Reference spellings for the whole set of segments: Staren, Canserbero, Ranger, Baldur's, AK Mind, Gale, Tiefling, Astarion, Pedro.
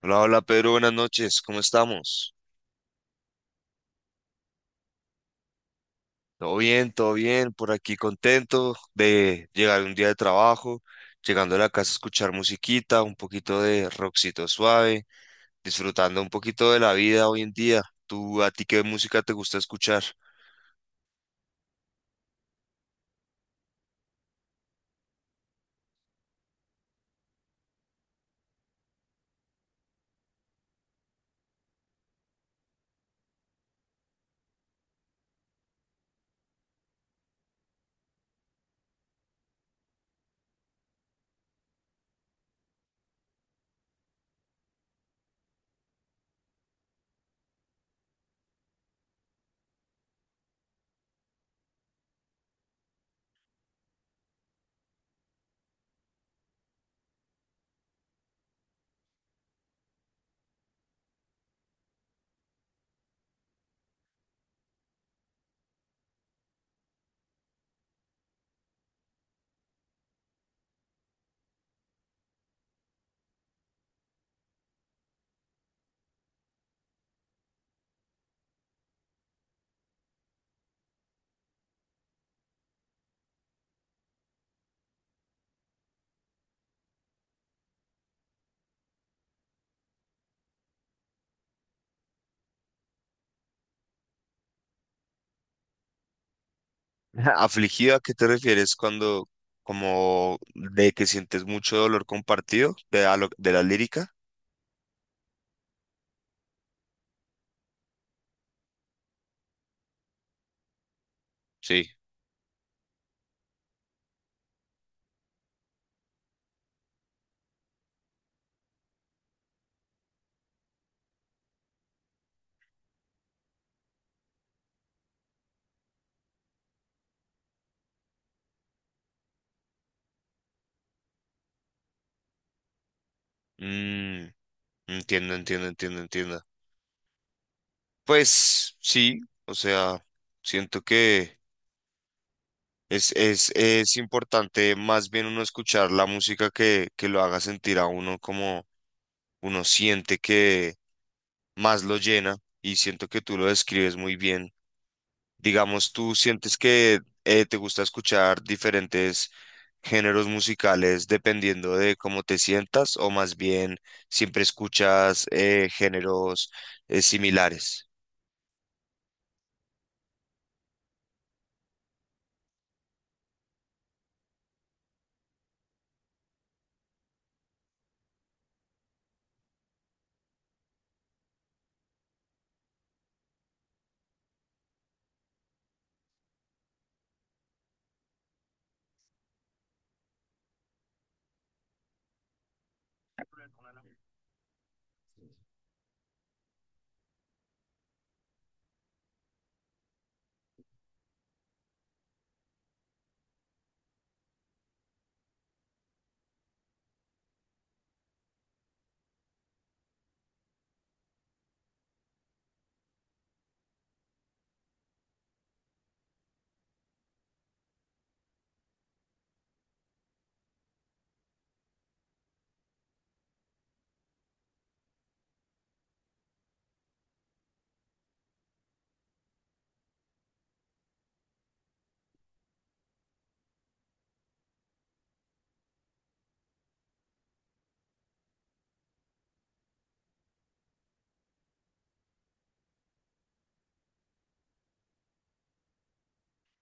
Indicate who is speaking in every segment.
Speaker 1: Hola, hola Pedro, buenas noches, ¿cómo estamos? Todo bien, por aquí contento de llegar un día de trabajo, llegando a la casa a escuchar musiquita, un poquito de rockcito suave, disfrutando un poquito de la vida hoy en día. ¿Tú a ti qué música te gusta escuchar? ¿Afligida? ¿A qué te refieres cuando como de que sientes mucho dolor compartido de, a lo- de la lírica? Sí. Mm, entiendo, entiendo, entiendo, entiendo. Pues sí, o sea, siento que es importante más bien uno escuchar la música que lo haga sentir a uno como uno siente que más lo llena, y siento que tú lo describes muy bien. Digamos, tú sientes que te gusta escuchar diferentes géneros musicales dependiendo de cómo te sientas, o más bien siempre escuchas géneros similares.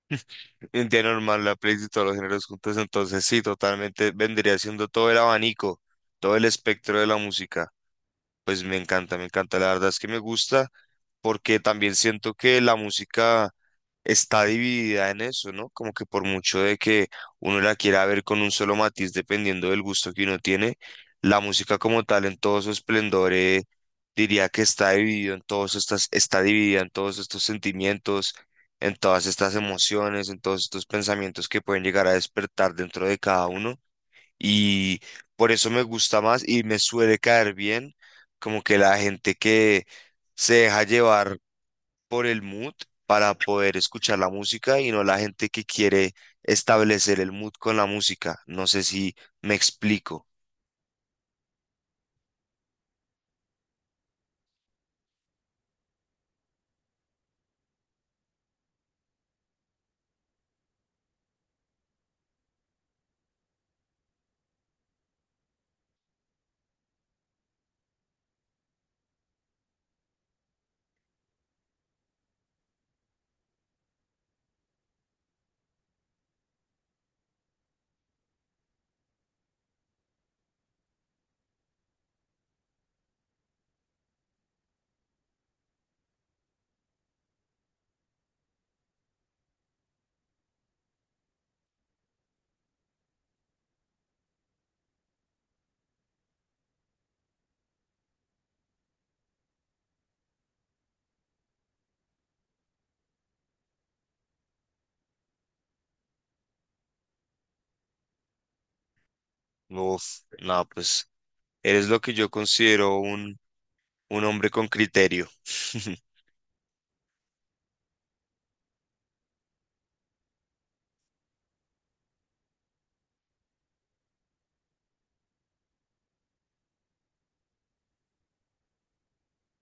Speaker 1: India normal, la playlist de todos los géneros juntos, entonces sí, totalmente vendría siendo todo el abanico, todo el espectro de la música. Pues me encanta, la verdad es que me gusta porque también siento que la música está dividida en eso, ¿no? Como que por mucho de que uno la quiera ver con un solo matiz, dependiendo del gusto que uno tiene, la música como tal en todo su esplendor, diría que está dividido en todos estas, está dividida en todos estos sentimientos, en todas estas emociones, en todos estos pensamientos que pueden llegar a despertar dentro de cada uno. Y por eso me gusta más y me suele caer bien, como que la gente que se deja llevar por el mood para poder escuchar la música, y no la gente que quiere establecer el mood con la música. No sé si me explico. Uf, no, pues eres lo que yo considero un hombre con criterio.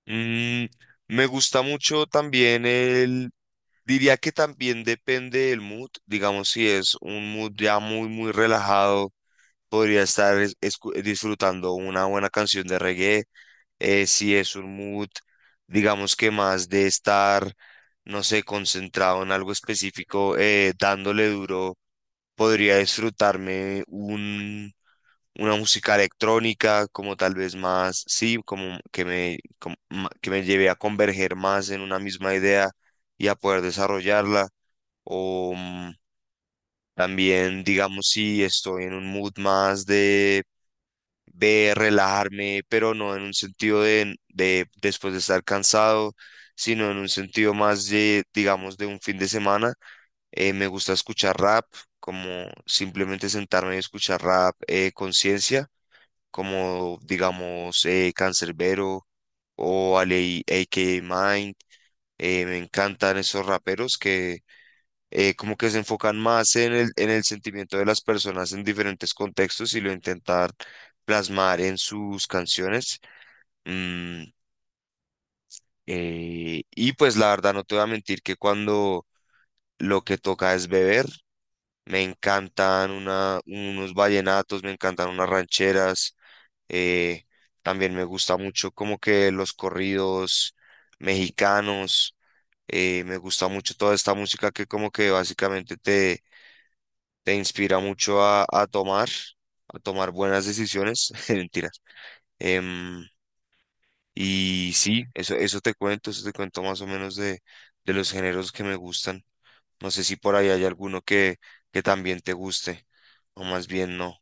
Speaker 1: Mm, me gusta mucho también el... Diría que también depende del mood. Digamos, si es un mood ya muy, muy relajado, podría estar disfrutando una buena canción de reggae. Si es un mood, digamos, que más de estar, no sé, concentrado en algo específico, dándole duro, podría disfrutarme un, una música electrónica, como tal vez más, sí, como que me, que me lleve a converger más en una misma idea y a poder desarrollarla, o mm, también, digamos, si estoy en un mood más de relajarme, pero no en un sentido de después de estar cansado, sino en un sentido más de, digamos, de un fin de semana. Me gusta escuchar rap, como simplemente sentarme y escuchar rap conciencia, como, digamos, Canserbero o AK Mind. Me encantan esos raperos que como que se enfocan más en el sentimiento de las personas en diferentes contextos y lo intentar plasmar en sus canciones. Mm, y pues la verdad no te voy a mentir que cuando lo que toca es beber, me encantan una, unos vallenatos, me encantan unas rancheras, eh, también me gusta mucho como que los corridos mexicanos. Me gusta mucho toda esta música que como que básicamente te, te inspira mucho a tomar buenas decisiones. Mentiras. Em, y sí, eso, eso te cuento más o menos de los géneros que me gustan. No sé si por ahí hay alguno que también te guste, o más bien no.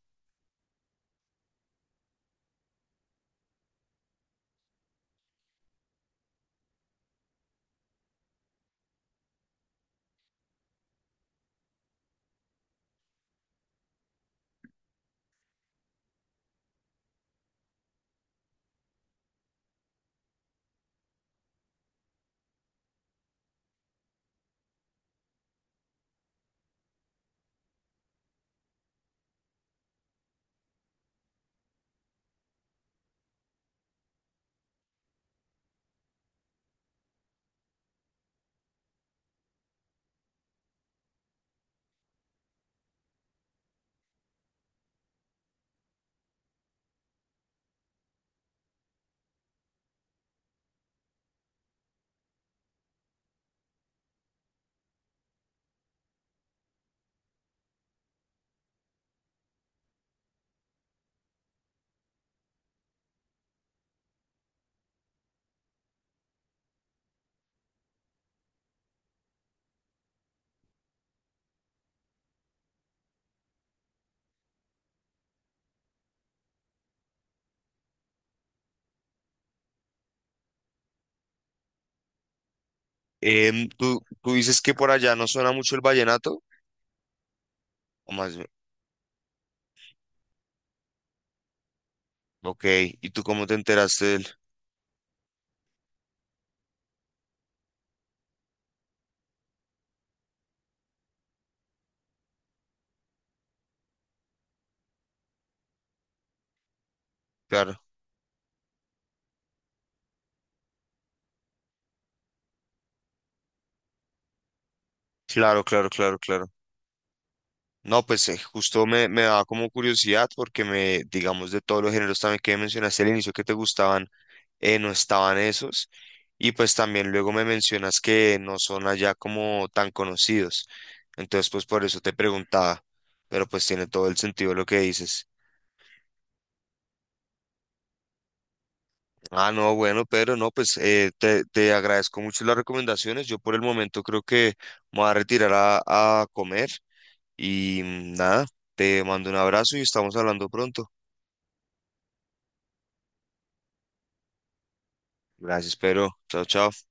Speaker 1: ¿Tú, tú dices que por allá no suena mucho el vallenato? O más bien, ok, ¿y tú cómo te enteraste del? Claro, claro, claro, claro, claro. No, pues justo me, me daba como curiosidad porque me, digamos, de todos los géneros también que mencionaste al inicio que te gustaban, no estaban esos. Y pues también luego me mencionas que no son allá como tan conocidos. Entonces, pues por eso te preguntaba. Pero pues tiene todo el sentido lo que dices. Ah, no, bueno, Pedro, no, pues te, te agradezco mucho las recomendaciones. Yo por el momento creo que me voy a retirar a comer. Y mm, nada, te mando un abrazo y estamos hablando pronto. Gracias, Pedro. Chao, chao.